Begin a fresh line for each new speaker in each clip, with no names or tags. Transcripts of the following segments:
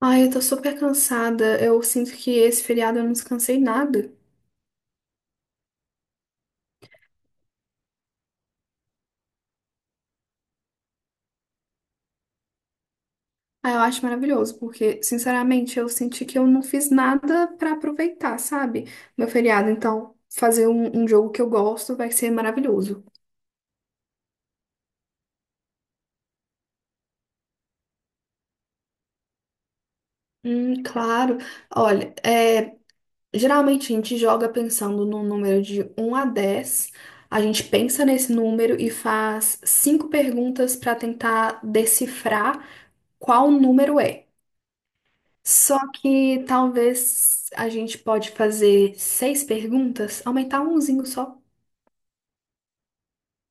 Ai, eu tô super cansada. Eu sinto que esse feriado eu não descansei nada. Ah, eu acho maravilhoso, porque, sinceramente, eu senti que eu não fiz nada pra aproveitar, sabe? Meu feriado. Então, fazer um jogo que eu gosto vai ser maravilhoso. Claro. Olha, geralmente a gente joga pensando num número de um a 10. A gente pensa nesse número e faz cinco perguntas para tentar decifrar qual número é. Só que talvez a gente pode fazer seis perguntas, aumentar umzinho só.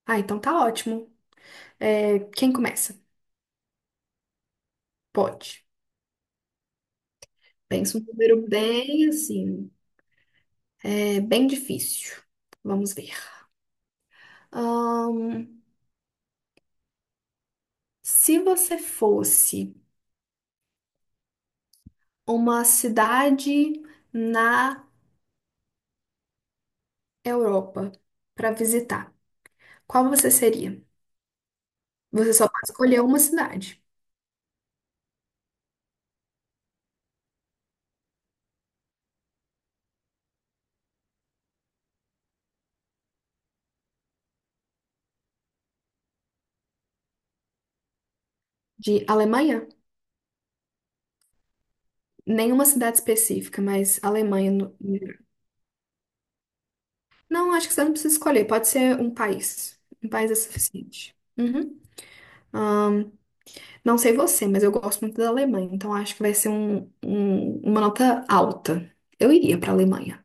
Ah, então tá ótimo. É, quem começa? Pode. Pensa um número bem assim, é bem difícil. Vamos ver. Ahn, Se você fosse uma cidade na Europa para visitar, qual você seria? Você só pode escolher uma cidade de Alemanha, nenhuma cidade específica, mas Alemanha no- Não, acho que você não precisa escolher. Pode ser um país. Um país é suficiente. Uhum. Ahn, não sei você, mas eu gosto muito da Alemanha, então acho que vai ser uma nota alta. Eu iria para a Alemanha.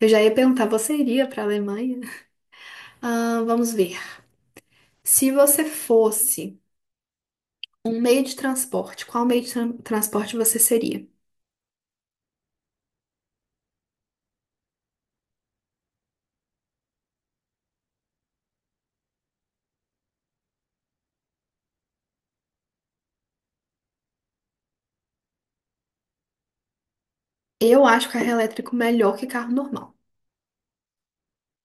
Eu já ia perguntar, você iria para a Alemanha? Vamos ver. Se você fosse um meio de transporte, qual meio de transporte você seria? Eu acho carro elétrico melhor que carro normal.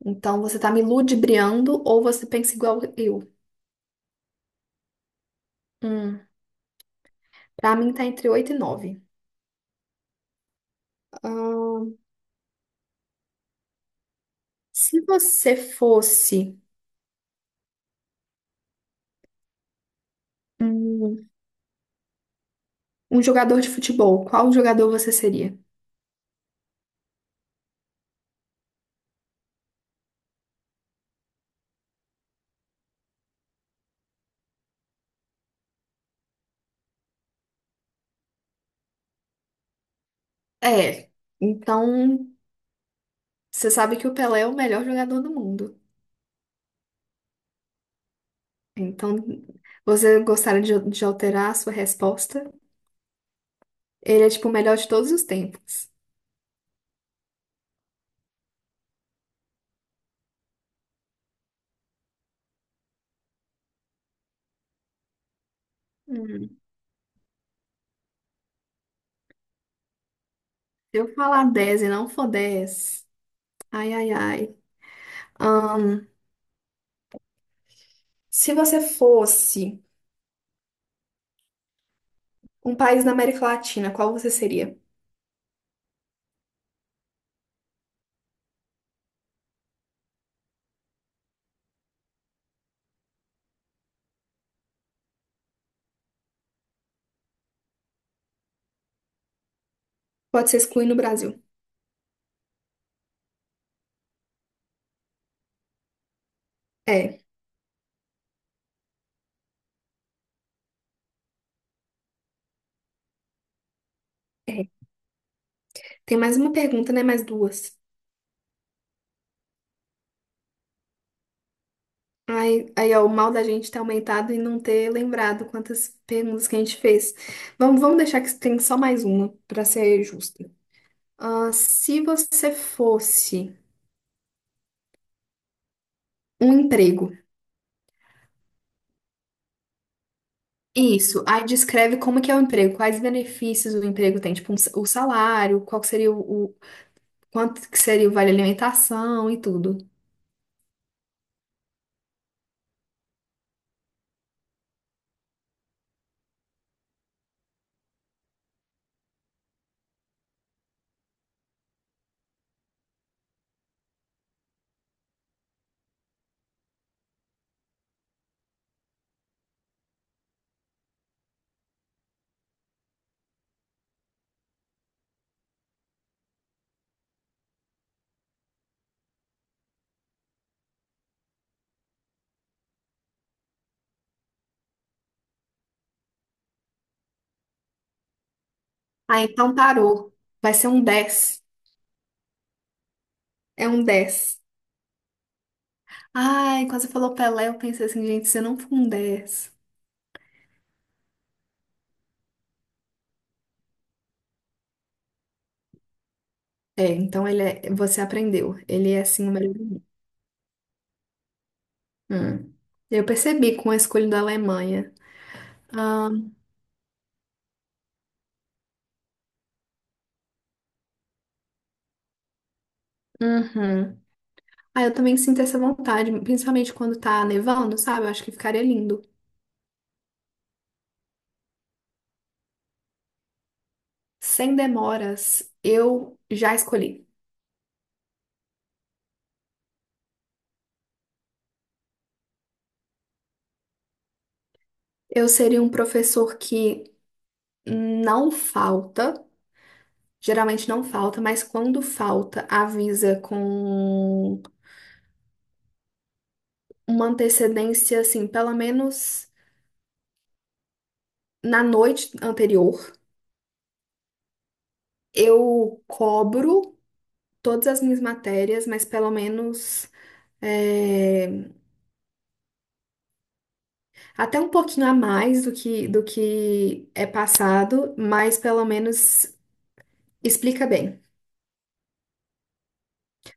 Então você tá me ludibriando ou você pensa igual eu? Hum, Para mim tá entre 8 e 9. Se você fosse um, um jogador de futebol, qual jogador você seria? É, então você sabe que o Pelé é o melhor jogador do mundo. Então você gostaria de alterar a sua resposta? Ele é tipo o melhor de todos os tempos. Se eu falar 10 e não for 10, ai ai ai. Ah, se você fosse um país da América Latina, qual você seria? Pode ser excluindo o Brasil. É, é. Tem mais uma pergunta, né? Mais duas. Aí, aí, ó, o mal da gente ter aumentado e não ter lembrado quantas perguntas que a gente fez. Vamos deixar que tem só mais uma, para ser justa. Ah, se você fosse um emprego, isso, aí descreve como que é o emprego, quais benefícios o emprego tem, tipo o salário, qual que seria quanto que seria o vale alimentação e tudo. Ah, então parou. Vai ser um 10. É um 10. Ai, quando você falou Pelé, eu pensei assim, gente, você não foi um 10. É, então ele é, você aprendeu. Ele é assim o melhor amigo. Hum. Eu percebi com a escolha da Alemanha. Ah, uhum. Ah, eu também sinto essa vontade, principalmente quando tá nevando, sabe? Eu acho que ficaria lindo. Sem demoras, eu já escolhi. Eu seria um professor que não falta, geralmente não falta, mas quando falta, avisa com uma antecedência, assim, pelo menos na noite anterior. Eu cobro todas as minhas matérias, mas pelo menos é, até um pouquinho a mais do que é passado, mas pelo menos explica bem.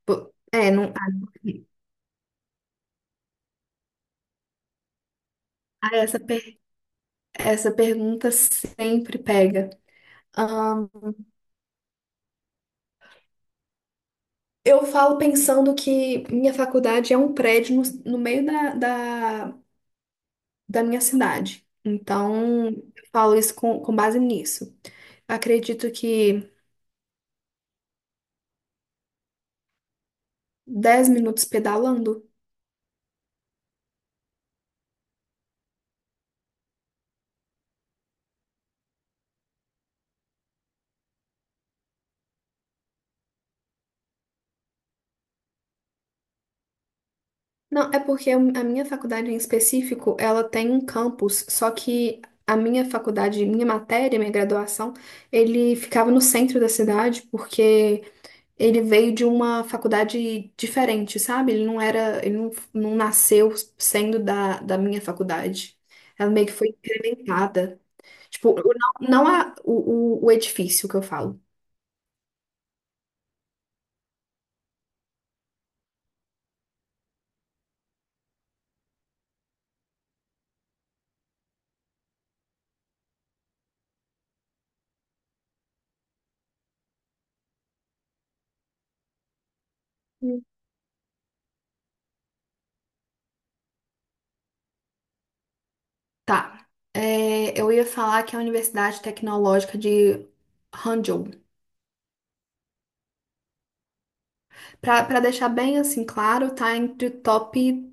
Pô, é, não, ah, essa pergunta sempre pega. Ahn, eu falo pensando que minha faculdade é um prédio no meio da, da minha cidade. Então, eu falo isso com base nisso. Acredito que 10 minutos pedalando. Não, é porque a minha faculdade em específico, ela tem um campus, só que a minha faculdade, minha matéria, minha graduação, ele ficava no centro da cidade, porque ele veio de uma faculdade diferente, sabe? Ele não era, ele não, não nasceu sendo da minha faculdade. Ela meio que foi incrementada. Tipo, o- não, não a, o edifício que eu falo. Hum. Tá. É, eu ia falar que é a Universidade Tecnológica de Hangzhou. Pra deixar bem assim claro, tá entre o top,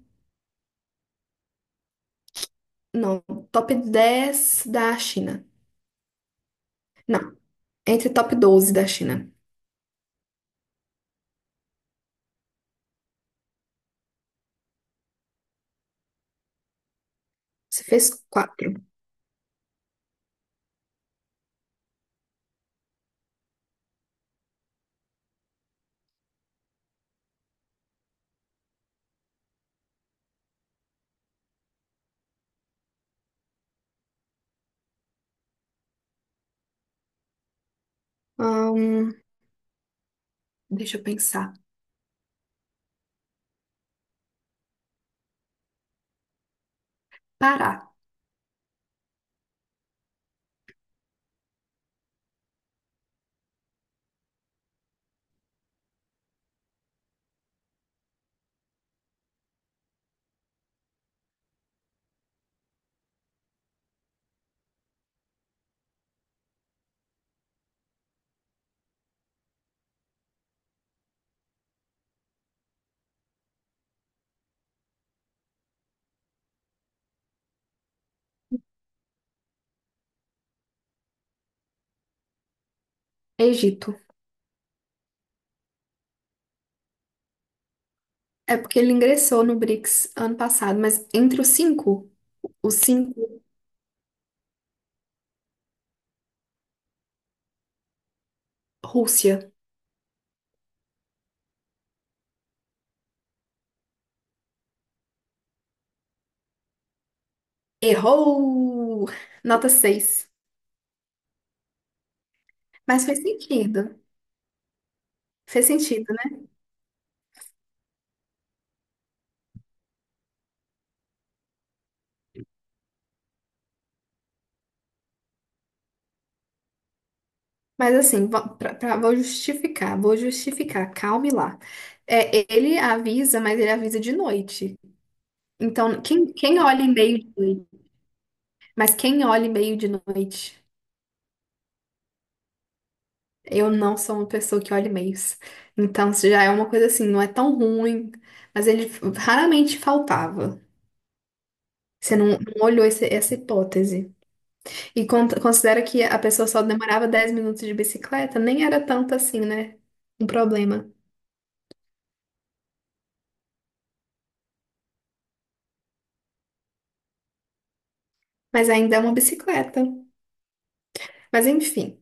não, top 10 da China. Não. Entre top 12 da China. Você fez quatro. Ahn, Deixa eu pensar. Pará. Egito. É porque ele ingressou no BRICS ano passado, mas entre os cinco, os cinco, Rússia. Errou! Nota 6. Mas fez sentido. Fez sentido, né? Mas assim, vou justificar, vou justificar. Calme lá. É, ele avisa, mas ele avisa de noite. Então, quem olha e-mail de noite? Mas quem olha e-mail de noite? Eu não sou uma pessoa que olha e-mails. Então, isso já é uma coisa assim, não é tão ruim, mas ele raramente faltava. Você não olhou essa hipótese. E considera que a pessoa só demorava 10 minutos de bicicleta, nem era tanto assim, né? Um problema. Mas ainda é uma bicicleta. Mas enfim.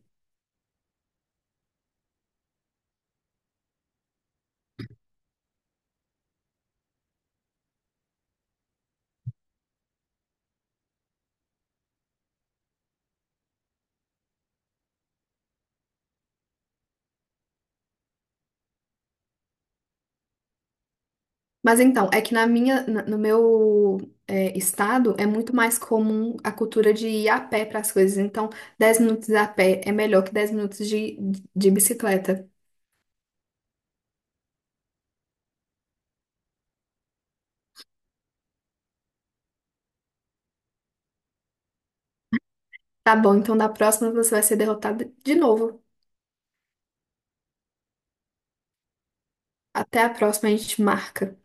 Mas então, é que no meu estado é muito mais comum a cultura de ir a pé para as coisas. Então, 10 minutos a pé é melhor que 10 minutos de bicicleta. Tá bom, então da próxima você vai ser derrotado de novo. Até a próxima, a gente marca.